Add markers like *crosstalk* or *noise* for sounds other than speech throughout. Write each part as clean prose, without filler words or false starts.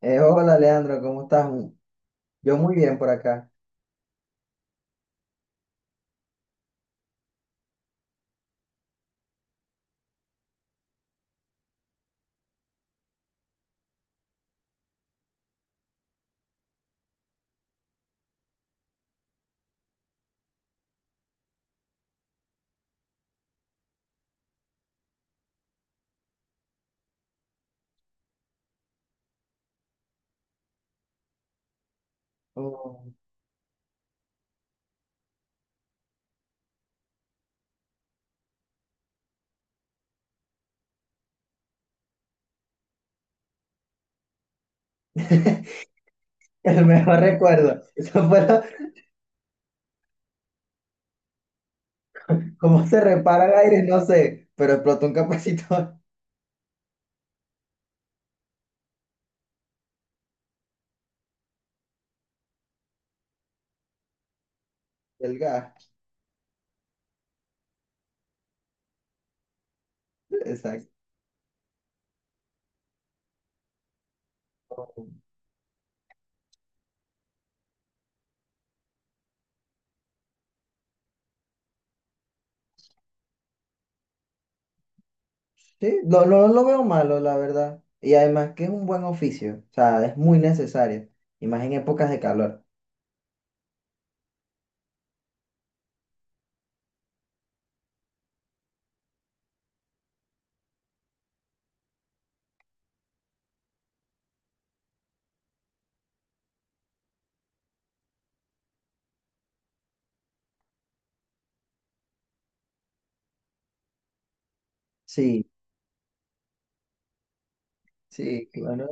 Hola Leandro, ¿cómo estás? Yo muy bien por acá. Oh. *laughs* El mejor recuerdo. Cómo se repara el aire, no sé, pero explotó un capacitor. *laughs* Del gas. Exacto. Sí, lo veo malo, la verdad. Y además que es un buen oficio, o sea, es muy necesario, y más en épocas de calor. Sí, sí, bueno.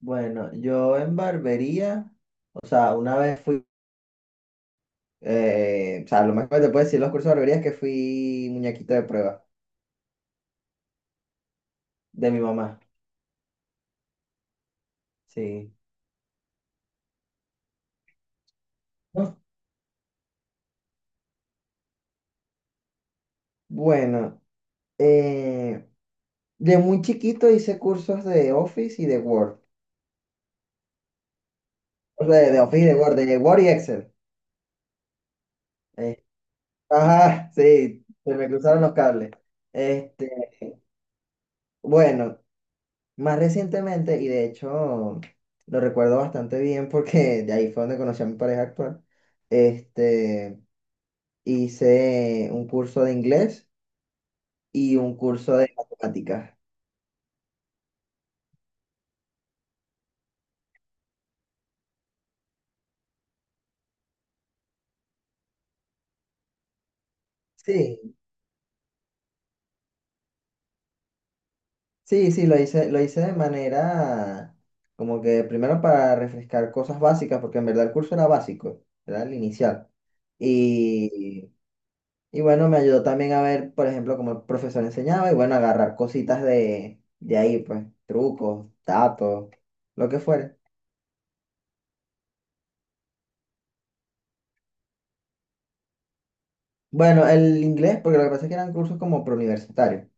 Bueno, yo en barbería, o sea, una vez fui, o sea, lo más que te puedo decir los cursos de barbería es que fui muñequito de prueba de mi mamá, sí. ¿No? Bueno, eh, de muy chiquito hice cursos de Office y de Word. O sea, de Office y de Word y Excel. Eh, ajá, sí, se me cruzaron los cables. Este, bueno, más recientemente, y de hecho lo recuerdo bastante bien porque de ahí fue donde conocí a mi pareja actual. Este, hice un curso de inglés y un curso de matemáticas. Sí. Sí, sí, lo hice de manera como que primero para refrescar cosas básicas, porque en verdad el curso era básico, era el inicial. Y, y bueno, me ayudó también a ver, por ejemplo, cómo el profesor enseñaba y bueno, agarrar cositas de ahí, pues, trucos, datos, lo que fuera. Bueno, el inglés, porque lo que pasa es que eran cursos como preuniversitarios.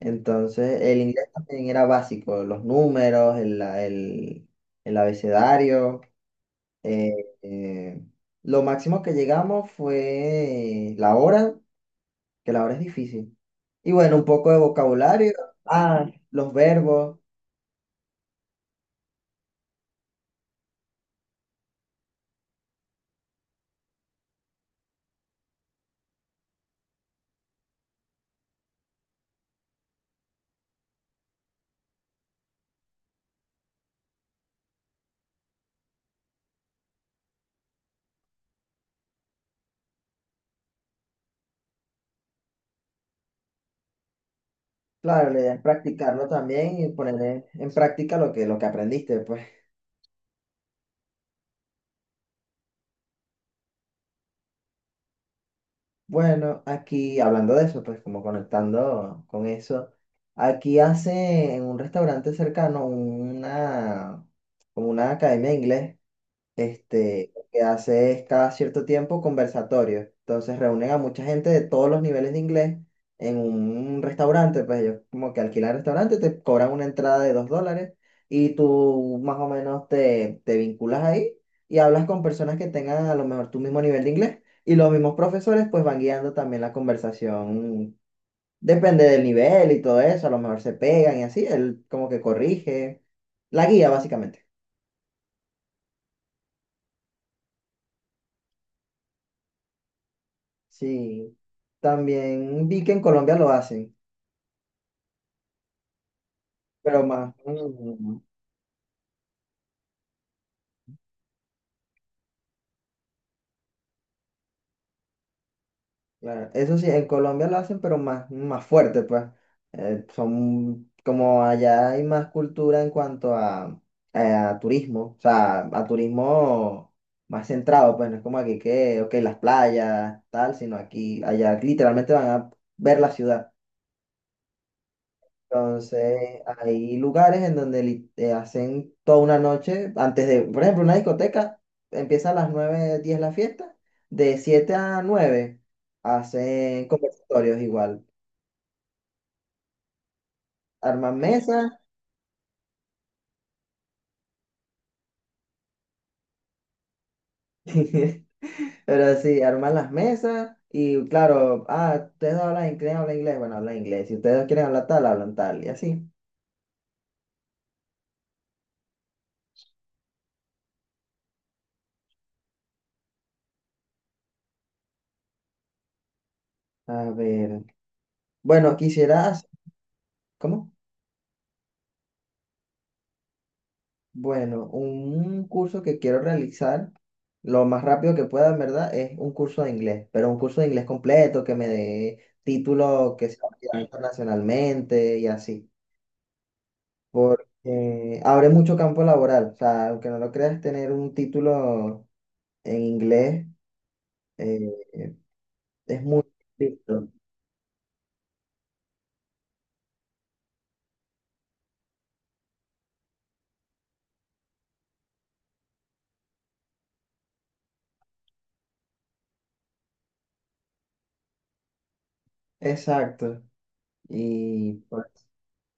Entonces, el inglés también era básico, los números, el abecedario. Eh, eh, lo máximo que llegamos fue la hora, que la hora es difícil. Y bueno, un poco de vocabulario, ah, los verbos. Claro, la idea es practicarlo también y poner en práctica lo que aprendiste, pues. Bueno, aquí hablando de eso, pues como conectando con eso, aquí hace en un restaurante cercano una, como una academia de inglés. Este, lo que hace es cada cierto tiempo conversatorios. Entonces reúnen a mucha gente de todos los niveles de inglés en un restaurante, pues ellos como que alquilan el restaurante, te cobran una entrada de $2 y tú más o menos te vinculas ahí y hablas con personas que tengan a lo mejor tu mismo nivel de inglés y los mismos profesores pues van guiando también la conversación. Depende del nivel y todo eso, a lo mejor se pegan y así, él como que corrige, la guía básicamente. Sí, también vi que en Colombia lo hacen, pero más, claro, eso sí, en Colombia lo hacen, pero más, más fuerte, pues. Son, como allá hay más cultura en cuanto a turismo, o sea, a turismo más centrado, pues no es como aquí que, ok, las playas, tal, sino aquí, allá literalmente van a ver la ciudad. Entonces, hay lugares en donde hacen toda una noche, antes de, por ejemplo, una discoteca, empieza a las 9, 10 la fiesta, de 7 a 9 hacen conversatorios igual, arman mesas, *laughs* pero sí, arman las mesas y claro, ah, ustedes hablan inglés, bueno, hablan inglés, si ustedes quieren hablar tal, hablan tal, y así. A ver, bueno, quisieras, ¿cómo? Bueno, un curso que quiero realizar lo más rápido que pueda, en verdad, es un curso de inglés, pero un curso de inglés completo que me dé título que sea validado internacionalmente y así. Porque abre mucho campo laboral. O sea, aunque no lo creas, tener un título en inglés eh, es muy difícil. Exacto. Y por,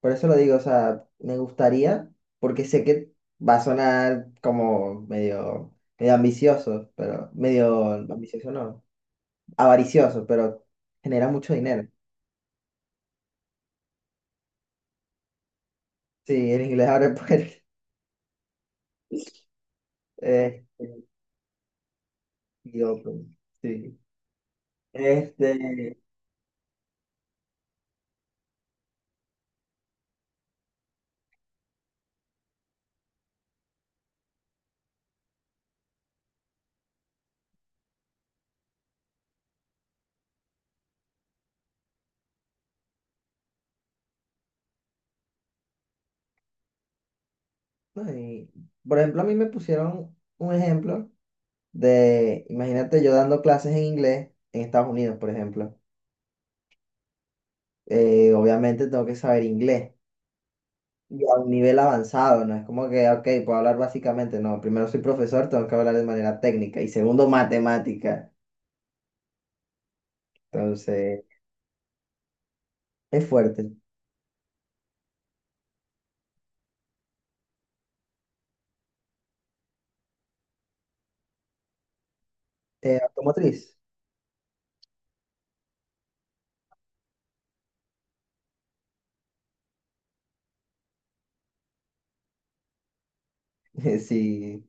por eso lo digo, o sea, me gustaría, porque sé que va a sonar como medio, medio ambicioso, pero medio ambicioso no. Avaricioso, pero genera mucho dinero. Sí, el inglés abre puertas. *laughs* Este, y open, sí. Este, no, y por ejemplo, a mí me pusieron un ejemplo de, imagínate yo dando clases en inglés en Estados Unidos, por ejemplo. Obviamente tengo que saber inglés y a un nivel avanzado, no es como que, ok, puedo hablar básicamente, no, primero soy profesor, tengo que hablar de manera técnica y segundo, matemática. Entonces, es fuerte. Automotriz. *laughs* Sí.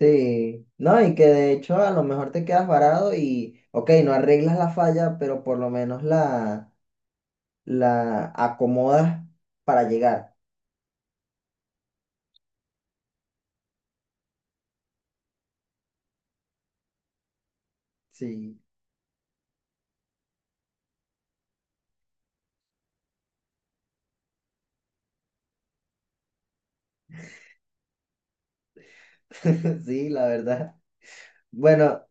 Sí, no, y que de hecho a lo mejor te quedas varado y, ok, no arreglas la falla, pero por lo menos la, acomodas para llegar. Sí. *laughs* Sí, la verdad. Bueno,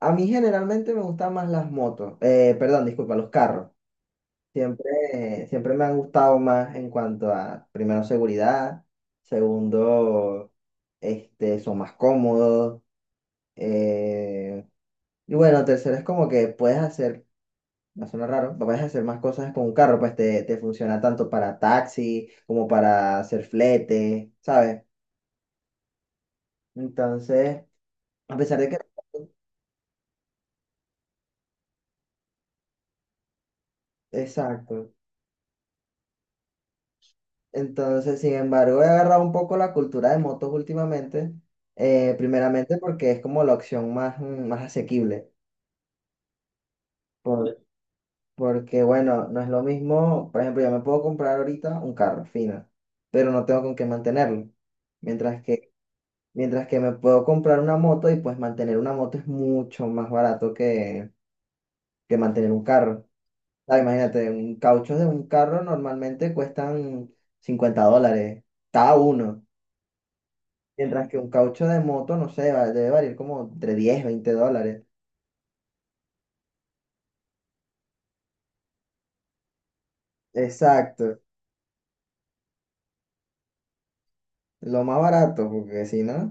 a mí generalmente me gustan más las motos, perdón, disculpa, los carros. Siempre, siempre me han gustado más en cuanto a, primero, seguridad, segundo, este, son más cómodos, eh, y bueno, tercero es como que puedes hacer. No suena raro. Puedes hacer más cosas con un carro, pues te funciona tanto para taxi como para hacer flete, ¿sabes? Entonces, a pesar de que... Exacto. Entonces, sin embargo, he agarrado un poco la cultura de motos últimamente, primeramente porque es como la opción más, más asequible. Por- Porque, bueno, no es lo mismo, por ejemplo, yo me puedo comprar ahorita un carro fino, pero no tengo con qué mantenerlo. Mientras que mientras que me puedo comprar una moto y pues mantener una moto es mucho más barato que, mantener un carro. Ah, imagínate, un caucho de un carro normalmente cuestan $50 cada uno. Mientras que un caucho de moto, no sé, debe variar como entre $10, $20. Exacto, lo más barato, porque si no.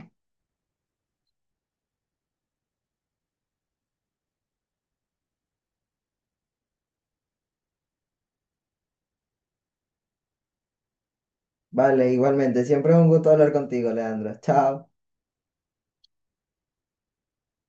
Vale, igualmente, siempre es un gusto hablar contigo, Leandro. Chao.